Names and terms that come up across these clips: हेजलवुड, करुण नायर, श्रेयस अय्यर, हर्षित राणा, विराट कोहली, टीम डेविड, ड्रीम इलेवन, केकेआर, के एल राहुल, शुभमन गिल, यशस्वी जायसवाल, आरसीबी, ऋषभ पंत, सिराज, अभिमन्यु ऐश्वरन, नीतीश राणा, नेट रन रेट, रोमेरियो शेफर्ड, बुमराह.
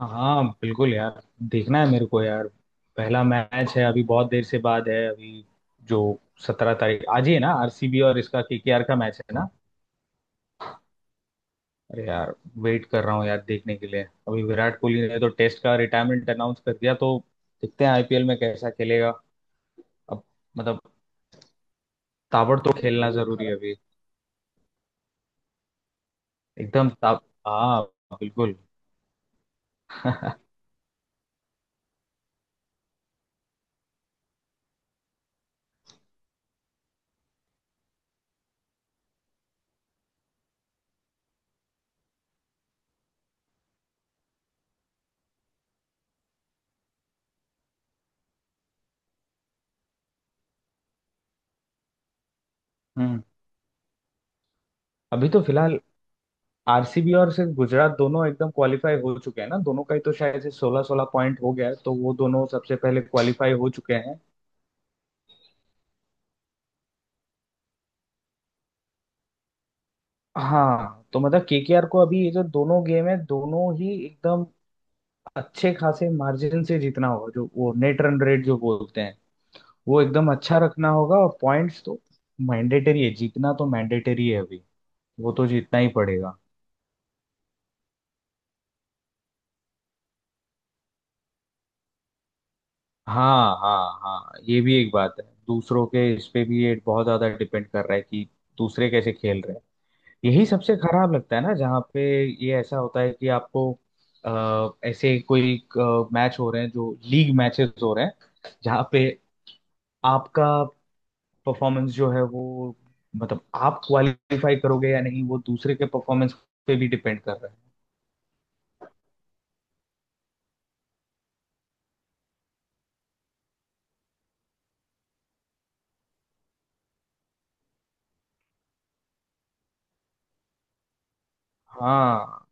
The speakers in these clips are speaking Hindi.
हाँ बिल्कुल यार। देखना है मेरे को यार। पहला मैच है अभी बहुत देर से बाद है अभी। जो 17 तारीख आज ही है ना, आरसीबी और इसका केकेआर का मैच है ना। अरे यार, वेट कर रहा हूँ यार देखने के लिए। अभी विराट कोहली ने तो टेस्ट का रिटायरमेंट अनाउंस कर दिया तो देखते हैं आईपीएल में कैसा खेलेगा अब। मतलब ताबड़तोड़ खेलना जरूरी है अभी। एकदम ताब हाँ, बिल्कुल। हम्म। अभी तो फिलहाल आरसीबी और सिर्फ गुजरात दोनों एकदम क्वालिफाई हो चुके हैं ना। दोनों का ही तो शायद से 16 16 पॉइंट हो गया है, तो वो दोनों सबसे पहले क्वालिफाई हो चुके हैं। हाँ, तो मतलब केकेआर को अभी ये जो दोनों गेम है, दोनों ही एकदम अच्छे खासे मार्जिन से जीतना होगा। जो वो नेट रन रेट जो बोलते हैं, वो एकदम अच्छा रखना होगा। और पॉइंट्स तो मैंडेटरी है, जीतना तो मैंडेटरी है अभी। वो तो जीतना ही पड़ेगा। हाँ हाँ। हाँ, ये भी एक बात है, दूसरों के इस पे भी ये बहुत ज्यादा डिपेंड कर रहा है कि दूसरे कैसे खेल रहे हैं। यही सबसे खराब लगता है ना, जहाँ पे ये ऐसा होता है कि आपको ऐसे कोई मैच हो रहे हैं, जो लीग मैचेस हो रहे हैं जहाँ पे आपका परफॉर्मेंस जो है वो, मतलब आप क्वालिफाई करोगे या नहीं वो दूसरे के परफॉर्मेंस पे भी डिपेंड कर रहा है। हाँ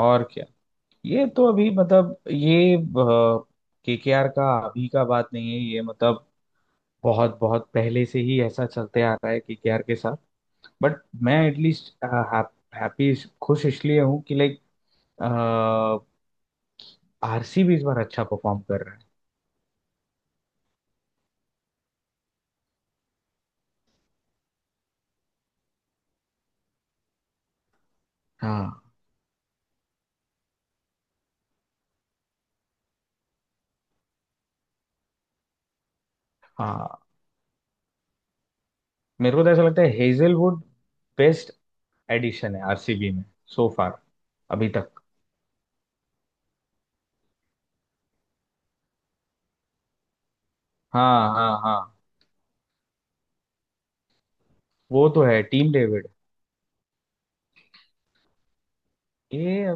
और क्या। ये तो अभी, मतलब ये केकेआर का अभी का बात नहीं है ये, मतलब बहुत बहुत पहले से ही ऐसा चलते आ रहा है केकेआर के साथ। बट मैं एटलीस्ट हैप्पी, खुश इसलिए हूँ कि लाइक आरसीबी इस बार अच्छा परफॉर्म कर रहा है। हाँ हाँ। मेरे को तो ऐसा लगता है हेजलवुड बेस्ट एडिशन है आरसीबी में, सो फार, अभी तक। हाँ हाँ हाँ, वो तो है टीम डेविड। ये,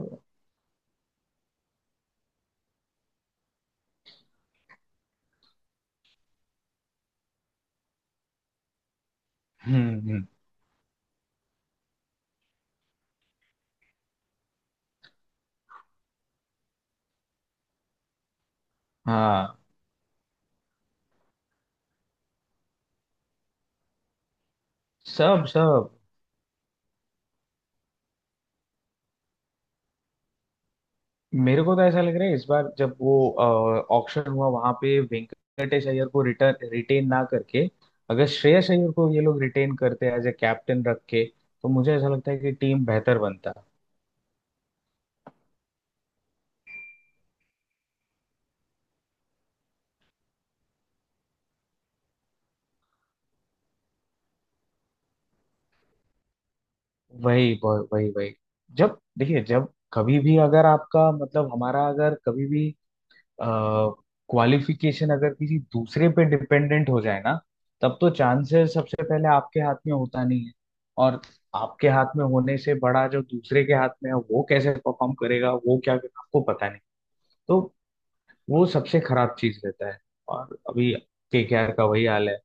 हम्म हम्म, हाँ। सब सब, मेरे को तो ऐसा लग रहा है इस बार जब वो ऑक्शन हुआ वहां पे, वेंकटेश अय्यर को रिटर्न रिटेन ना करके, अगर श्रेयस अय्यर को ये लोग रिटेन करते एज ए कैप्टन रख के, तो मुझे ऐसा लगता है कि टीम बेहतर बनता। वही वही वही वही। जब देखिए, जब कभी भी अगर आपका, मतलब हमारा अगर कभी भी क्वालिफिकेशन अगर किसी दूसरे पे डिपेंडेंट हो जाए ना, तब तो चांसेस सबसे पहले आपके हाथ में होता नहीं है। और आपके हाथ में होने से बड़ा जो दूसरे के हाथ में है वो कैसे परफॉर्म करेगा, वो क्या करेगा, आपको पता नहीं। तो वो सबसे खराब चीज रहता है। और अभी केकेआर का वही हाल है।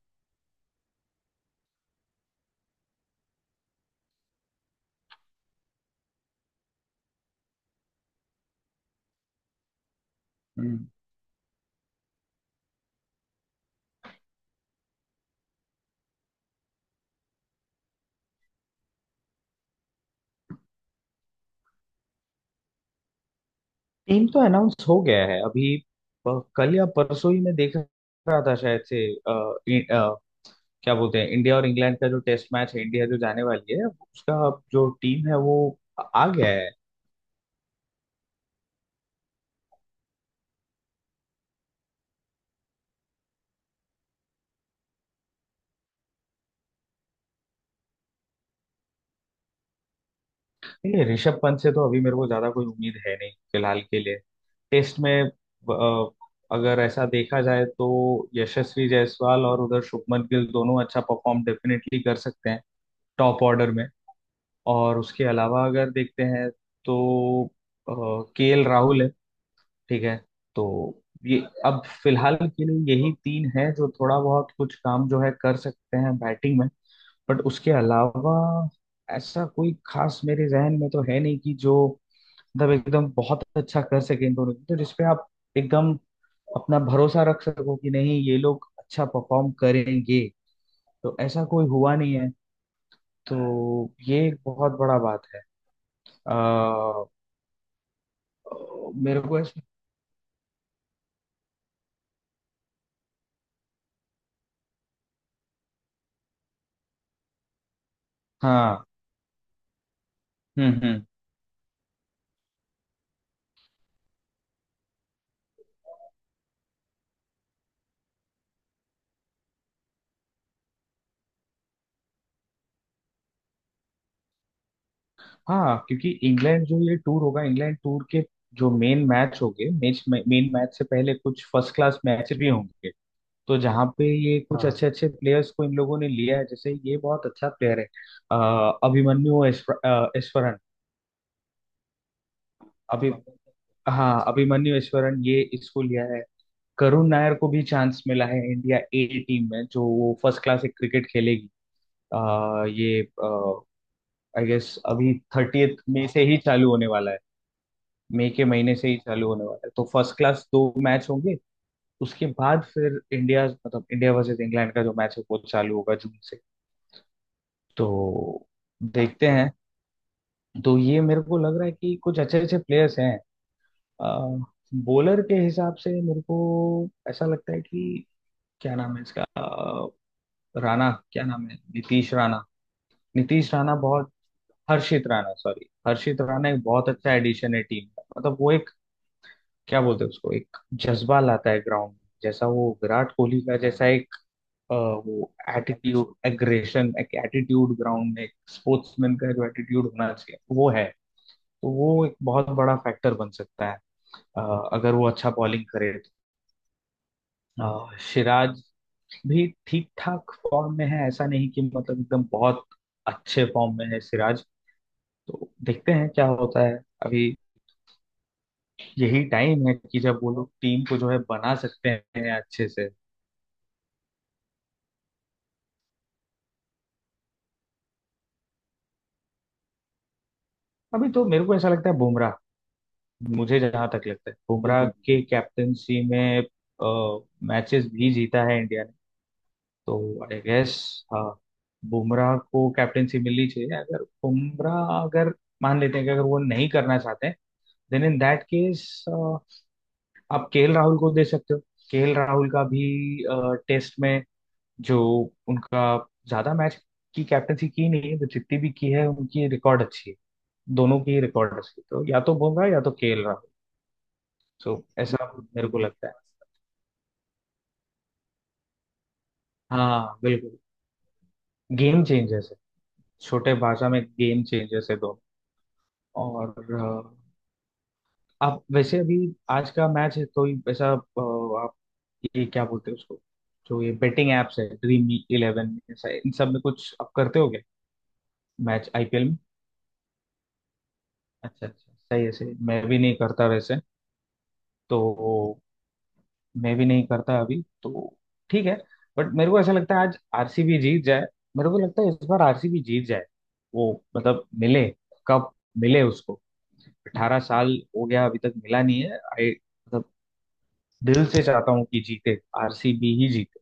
टीम तो अनाउंस हो गया है अभी। कल या परसों ही मैं देख रहा था, शायद से। क्या बोलते हैं, इंडिया और इंग्लैंड का जो टेस्ट मैच है, इंडिया जो जाने वाली है उसका जो टीम है, वो आ गया है। नहीं, ऋषभ पंत से तो अभी मेरे को ज्यादा कोई उम्मीद है नहीं फिलहाल के लिए। टेस्ट में अगर ऐसा देखा जाए तो, यशस्वी जायसवाल और उधर शुभमन गिल दोनों अच्छा परफॉर्म डेफिनेटली कर सकते हैं, टॉप ऑर्डर में। और उसके अलावा अगर देखते हैं तो, के एल राहुल है। ठीक है। तो ये अब फिलहाल के लिए यही तीन है, जो थोड़ा बहुत कुछ काम जो है कर सकते हैं बैटिंग में। बट उसके अलावा ऐसा कोई खास मेरे जहन में तो है नहीं कि जो मतलब एकदम बहुत अच्छा कर सके इन दोनों में, तो जिसपे आप एकदम अपना भरोसा रख सको कि नहीं, ये लोग अच्छा परफॉर्म करेंगे। तो ऐसा कोई हुआ नहीं है। तो ये एक बहुत बड़ा बात है। आ, मेरे को ऐसा। हाँ। हम्म। हाँ, क्योंकि इंग्लैंड जो ये टूर होगा, इंग्लैंड टूर के जो मेन मैच होंगे, मैच मेन मैच से पहले कुछ फर्स्ट क्लास मैच भी होंगे। तो जहाँ पे ये कुछ, हाँ, अच्छे अच्छे प्लेयर्स को इन लोगों ने लिया है। जैसे ये बहुत अच्छा प्लेयर है, अभिमन्यु ऐश्वरन। अभी, हाँ, अभिमन्यु ऐश्वरन, ये इसको लिया है। करुण नायर को भी चांस मिला है इंडिया ए टीम में, जो वो फर्स्ट क्लास एक क्रिकेट खेलेगी। ये आई गेस अभी 30th में से ही चालू होने वाला है। मई के महीने से ही चालू होने वाला है, तो फर्स्ट क्लास दो मैच होंगे। उसके बाद फिर इंडिया, मतलब इंडिया वर्सेस इंग्लैंड का जो मैच है वो चालू होगा जून से। तो देखते हैं। तो ये मेरे को लग रहा है कि कुछ अच्छे अच्छे प्लेयर्स हैं। बॉलर के हिसाब से मेरे को ऐसा लगता है कि क्या नाम है इसका, राणा, क्या नाम है, नीतीश राणा। नीतीश राणा बहुत हर्षित राणा एक बहुत अच्छा एडिशन है टीम का। मतलब वो एक, क्या बोलते हैं उसको, एक जज्बा लाता है ग्राउंड में, जैसा वो विराट कोहली का जैसा एक वो एटीट्यूड, एग्रेशन, एक एटीट्यूड ग्राउंड में, एक स्पोर्ट्समैन का जो एटीट्यूड होना चाहिए वो है। तो वो एक बहुत बड़ा फैक्टर बन सकता है, अगर वो अच्छा बॉलिंग करे। तो सिराज भी ठीक ठाक फॉर्म में है। ऐसा नहीं कि मतलब एकदम बहुत अच्छे फॉर्म में है सिराज। तो देखते हैं क्या होता है। अभी यही टाइम है कि जब वो लोग टीम को जो है बना सकते हैं अच्छे से। अभी तो मेरे को ऐसा लगता है बुमराह, मुझे जहां तक लगता है बुमराह, हम्म, के कैप्टनसी में मैचेस भी जीता है इंडिया ने। तो आई गेस, हाँ, बुमराह को कैप्टनसी मिलनी चाहिए। अगर बुमराह, अगर मान लेते हैं कि अगर वो नहीं करना चाहते हैं, देन इन दैट केस, आप केएल राहुल को दे सकते हो। केएल राहुल का भी टेस्ट में जो उनका, ज्यादा मैच की कैप्टनसी की नहीं है, तो जितनी भी की है उनकी रिकॉर्ड अच्छी है, दोनों की रिकॉर्ड्स की। तो या तो बुमराह या तो केएल राहुल, सो ऐसा मेरे को लगता है। हाँ बिल्कुल, गेम चेंजर्स है। छोटे भाषा में गेम चेंजर्स है दोनों। और आप वैसे अभी आज का मैच है कोई ऐसा, आप ये क्या बोलते हैं उसको, जो ये बेटिंग एप्स है Dream11, ऐसा इन सब में कुछ आप करते हो क्या मैच आईपीएल में? अच्छा, अच्छा, सही है सही है। मैं भी नहीं करता वैसे। तो मैं भी नहीं करता अभी तो। ठीक है। बट मेरे को ऐसा लगता है आज आरसीबी जीत जाए। मेरे को लगता है इस बार आरसीबी जीत जाए, वो, मतलब मिले, कप मिले उसको। 18 साल हो गया, अभी तक मिला नहीं है। आई मतलब दिल से चाहता हूँ कि जीते, आरसीबी ही जीते।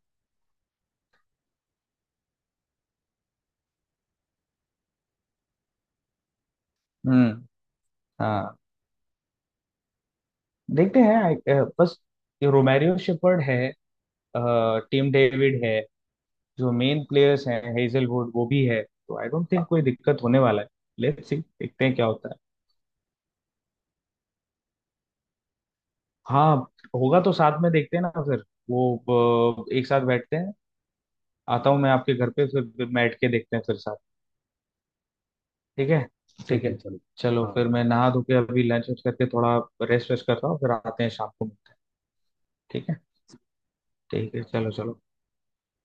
हम्म। हाँ। देखते हैं बस। ये रोमेरियो शेफर्ड है, टीम डेविड है, जो मेन प्लेयर्स हैं, हेजलवुड वो भी है। तो आई डोंट थिंक कोई दिक्कत होने वाला है। लेट्स सी, देखते हैं क्या होता है। हाँ, होगा तो साथ में देखते हैं ना फिर वो एक साथ बैठते हैं। आता हूँ मैं आपके घर पे, फिर बैठ के देखते हैं फिर साथ। ठीक है। ठीक ठीक है चलो चलो, हाँ, फिर मैं नहा धो के अभी लंच वंच करके थोड़ा रेस्ट वेस्ट करता हूँ, फिर आते हैं शाम को। ठीक है। ठीक है चलो चलो।